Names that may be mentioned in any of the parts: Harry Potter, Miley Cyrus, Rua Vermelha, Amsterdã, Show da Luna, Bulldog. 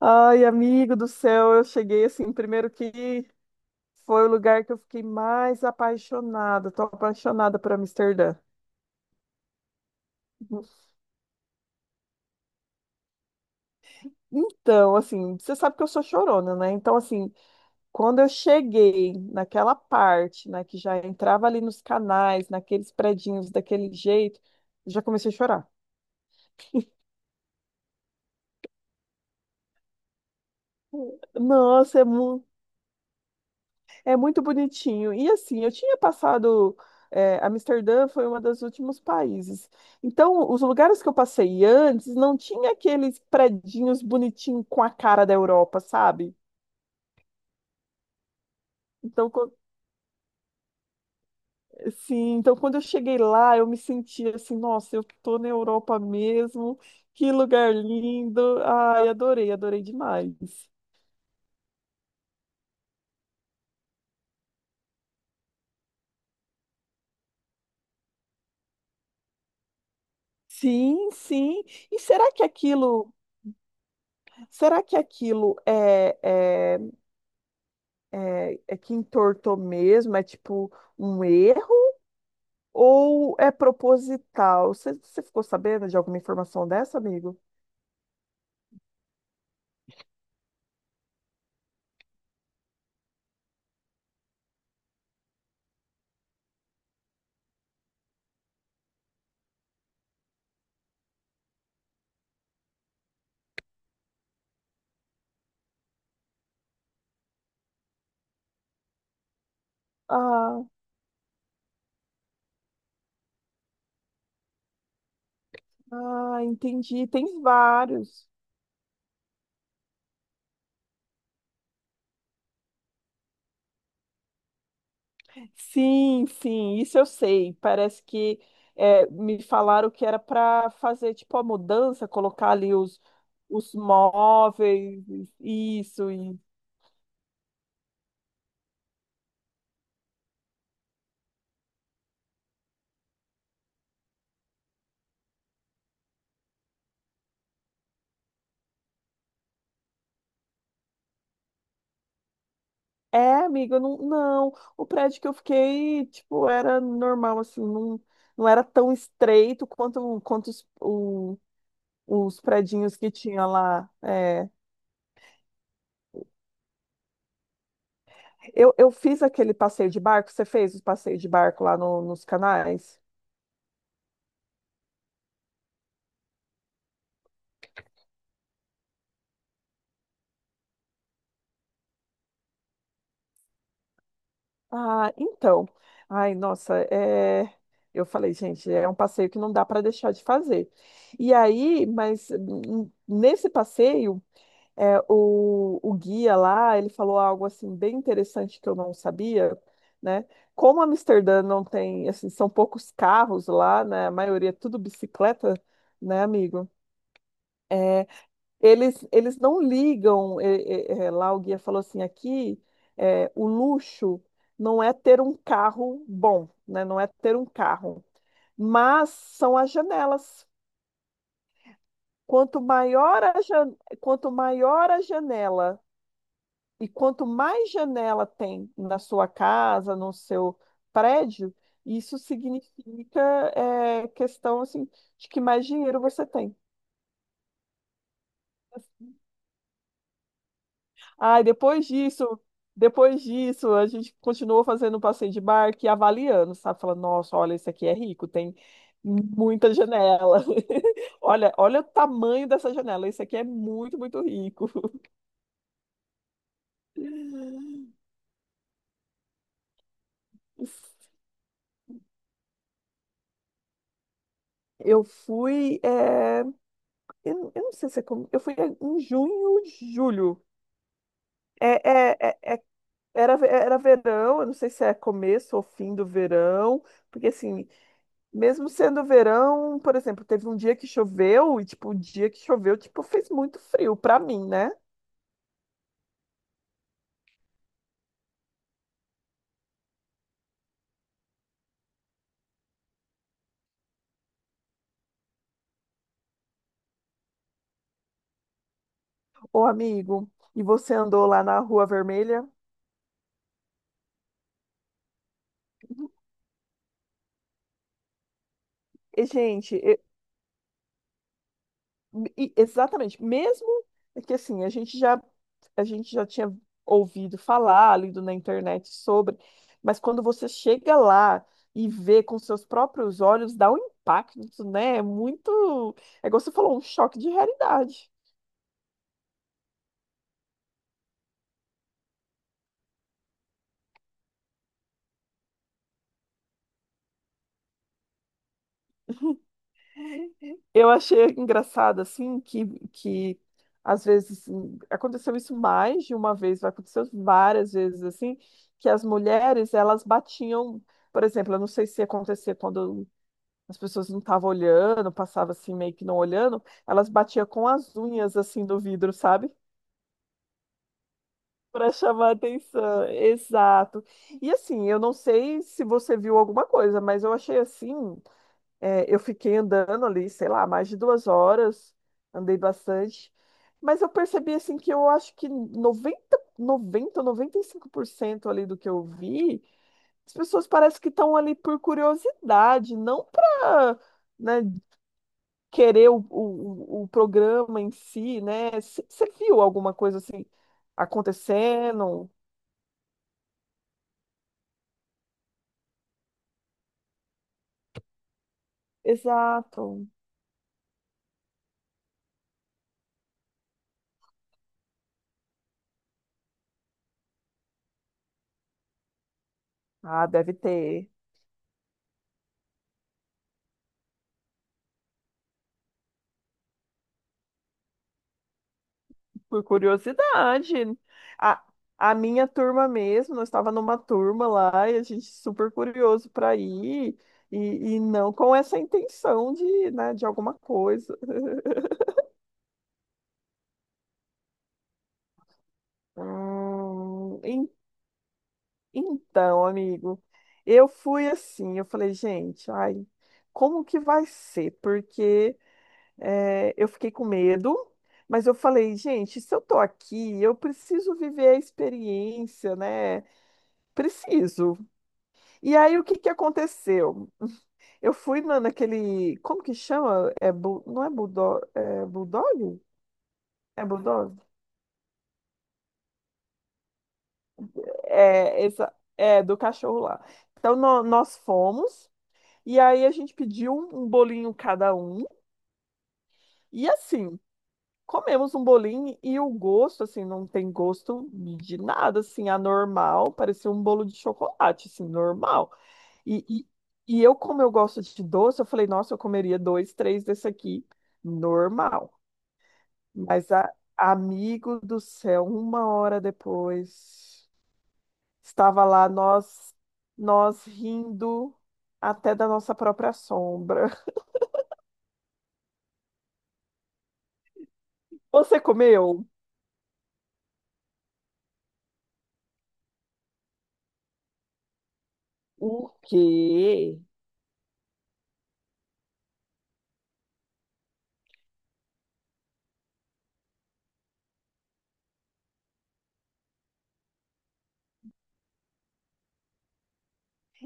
Ai, amigo do céu, eu cheguei assim, primeiro que foi o lugar que eu fiquei mais apaixonada, tô apaixonada por Amsterdã. Então, assim, você sabe que eu sou chorona, né? Então, assim, quando eu cheguei naquela parte, né, que já entrava ali nos canais, naqueles predinhos daquele jeito, eu já comecei a chorar. Nossa, é muito bonitinho. E assim, eu tinha passado. Amsterdã foi um dos últimos países. Então, os lugares que eu passei antes não tinha aqueles predinhos bonitinhos com a cara da Europa, sabe? Então, sim, então quando eu cheguei lá, eu me senti assim, nossa, eu tô na Europa mesmo. Que lugar lindo. Ai, adorei, adorei demais. Sim, sim. E será que aquilo é é que entortou mesmo, é tipo um erro ou é proposital? Você ficou sabendo de alguma informação dessa, amigo? Ah, ah, entendi. Tem vários. Sim, sim, isso eu sei. Parece que é, me falaram que era para fazer tipo a mudança, colocar ali os, móveis, isso. É, amiga, eu não, não. O prédio que eu fiquei, tipo, era normal, assim, não, não era tão estreito quanto, os predinhos que tinha lá. É. Eu fiz aquele passeio de barco, você fez o passeio de barco lá nos canais? Ah, então. Ai, nossa, eu falei, gente, é um passeio que não dá para deixar de fazer. E aí, mas nesse passeio. É, o guia lá, ele falou algo assim bem interessante que eu não sabia, né? Como Amsterdã não tem, assim, são poucos carros lá, né? A maioria é tudo bicicleta, né, amigo? Eles não ligam, lá o guia falou assim, aqui o luxo não é ter um carro bom, né? Não é ter um carro, mas são as janelas. Quanto maior a janela. E quanto mais janela tem na sua casa, no seu prédio, isso significa, questão assim, de que mais dinheiro você tem. Aí depois disso, a gente continuou fazendo um passeio de barco e avaliando, sabe? Falando, nossa, olha, esse aqui é rico, tem muita janela. Olha, olha o tamanho dessa janela, esse aqui é muito, muito rico. Eu fui. Eu não sei se é como. Eu fui em junho, julho. É, é, é, é- era verão, eu não sei se é começo ou fim do verão, porque assim, mesmo sendo verão, por exemplo, teve um dia que choveu e, tipo, o dia que choveu, tipo, fez muito frio pra mim, né? Ô, amigo, e você andou lá na Rua Vermelha? E, gente, exatamente. Mesmo que assim, a gente já tinha ouvido falar, lido na internet sobre, mas quando você chega lá e vê com seus próprios olhos, dá um impacto, né? É como você falou, um choque de realidade. Eu achei engraçado assim que às vezes assim, aconteceu isso mais de uma vez, aconteceu várias vezes assim, que as mulheres elas batiam, por exemplo, eu não sei se acontecia quando as pessoas não estavam olhando, passava assim meio que não olhando, elas batiam com as unhas assim do vidro, sabe? Para chamar atenção. Exato. E assim, eu não sei se você viu alguma coisa, mas eu achei assim, é, eu fiquei andando ali, sei lá, mais de 2 horas, andei bastante, mas eu percebi assim que eu acho que 95% ali do que eu vi, as pessoas parecem que estão ali por curiosidade, não para querer o programa em si, né? Você viu alguma coisa assim acontecendo? Exato. Ah, deve ter. Por curiosidade. A, a minha turma mesmo, nós estava numa turma lá e a gente super curioso para ir. E não com essa intenção de, né, de alguma coisa. Hum, Então, amigo, eu fui assim, eu falei, gente, ai, como que vai ser? Porque eu fiquei com medo, mas eu falei, gente, se eu tô aqui, eu preciso viver a experiência, né? Preciso. E aí, o que que aconteceu? Eu fui na, naquele, como que chama? É, não é bulldog? É bulldog? É bulldog? É, essa, é do cachorro lá. Então, nós fomos. E aí a gente pediu um bolinho cada um. E assim, comemos um bolinho e o gosto, assim, não tem gosto de nada, assim, anormal. Parecia um bolo de chocolate, assim, normal. E, e, e eu, como eu gosto de doce, eu falei, nossa, eu comeria dois, três desse aqui, normal. Mas, amigo do céu, uma hora depois, estava lá nós, rindo até da nossa própria sombra. Você comeu? O quê?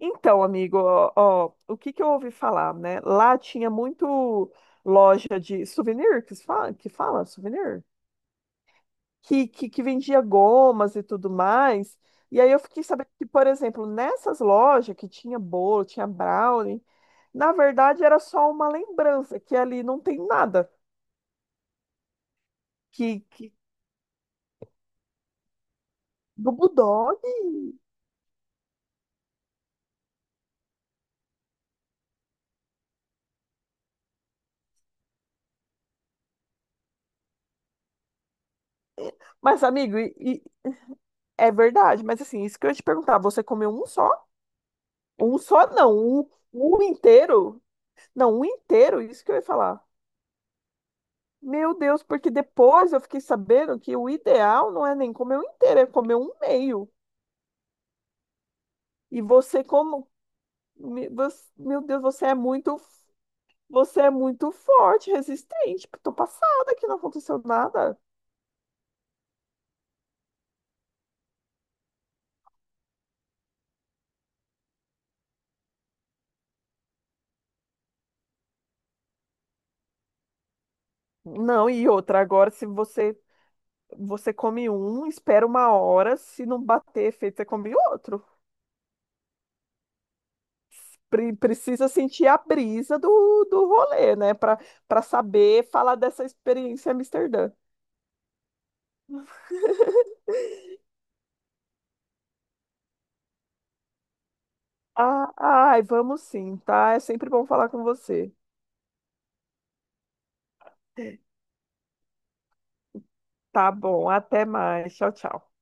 Então, amigo, ó, o que que eu ouvi falar, né? Lá tinha muito loja de souvenir, que se fala, que fala souvenir, que, que vendia gomas e tudo mais. E aí eu fiquei sabendo que, por exemplo, nessas lojas que tinha bolo, tinha brownie, na verdade era só uma lembrança, que ali não tem nada. Que do Bulldog. Mas, amigo, é verdade. Mas assim, isso que eu ia te perguntar, você comeu um só? Um só não, um inteiro. Não, um inteiro, isso que eu ia falar. Meu Deus, porque depois eu fiquei sabendo que o ideal não é nem comer um inteiro, é comer um meio. E você como, meu Deus, você é muito forte, resistente. Tô passada que não aconteceu nada. Não, e outra, agora se você come um, espera uma hora, se não bater efeito, você come outro. Precisa sentir a brisa do rolê, né? Para saber falar dessa experiência em Amsterdã. Ah, ai, vamos sim, tá? É sempre bom falar com você. Tá bom, até mais. Tchau, tchau.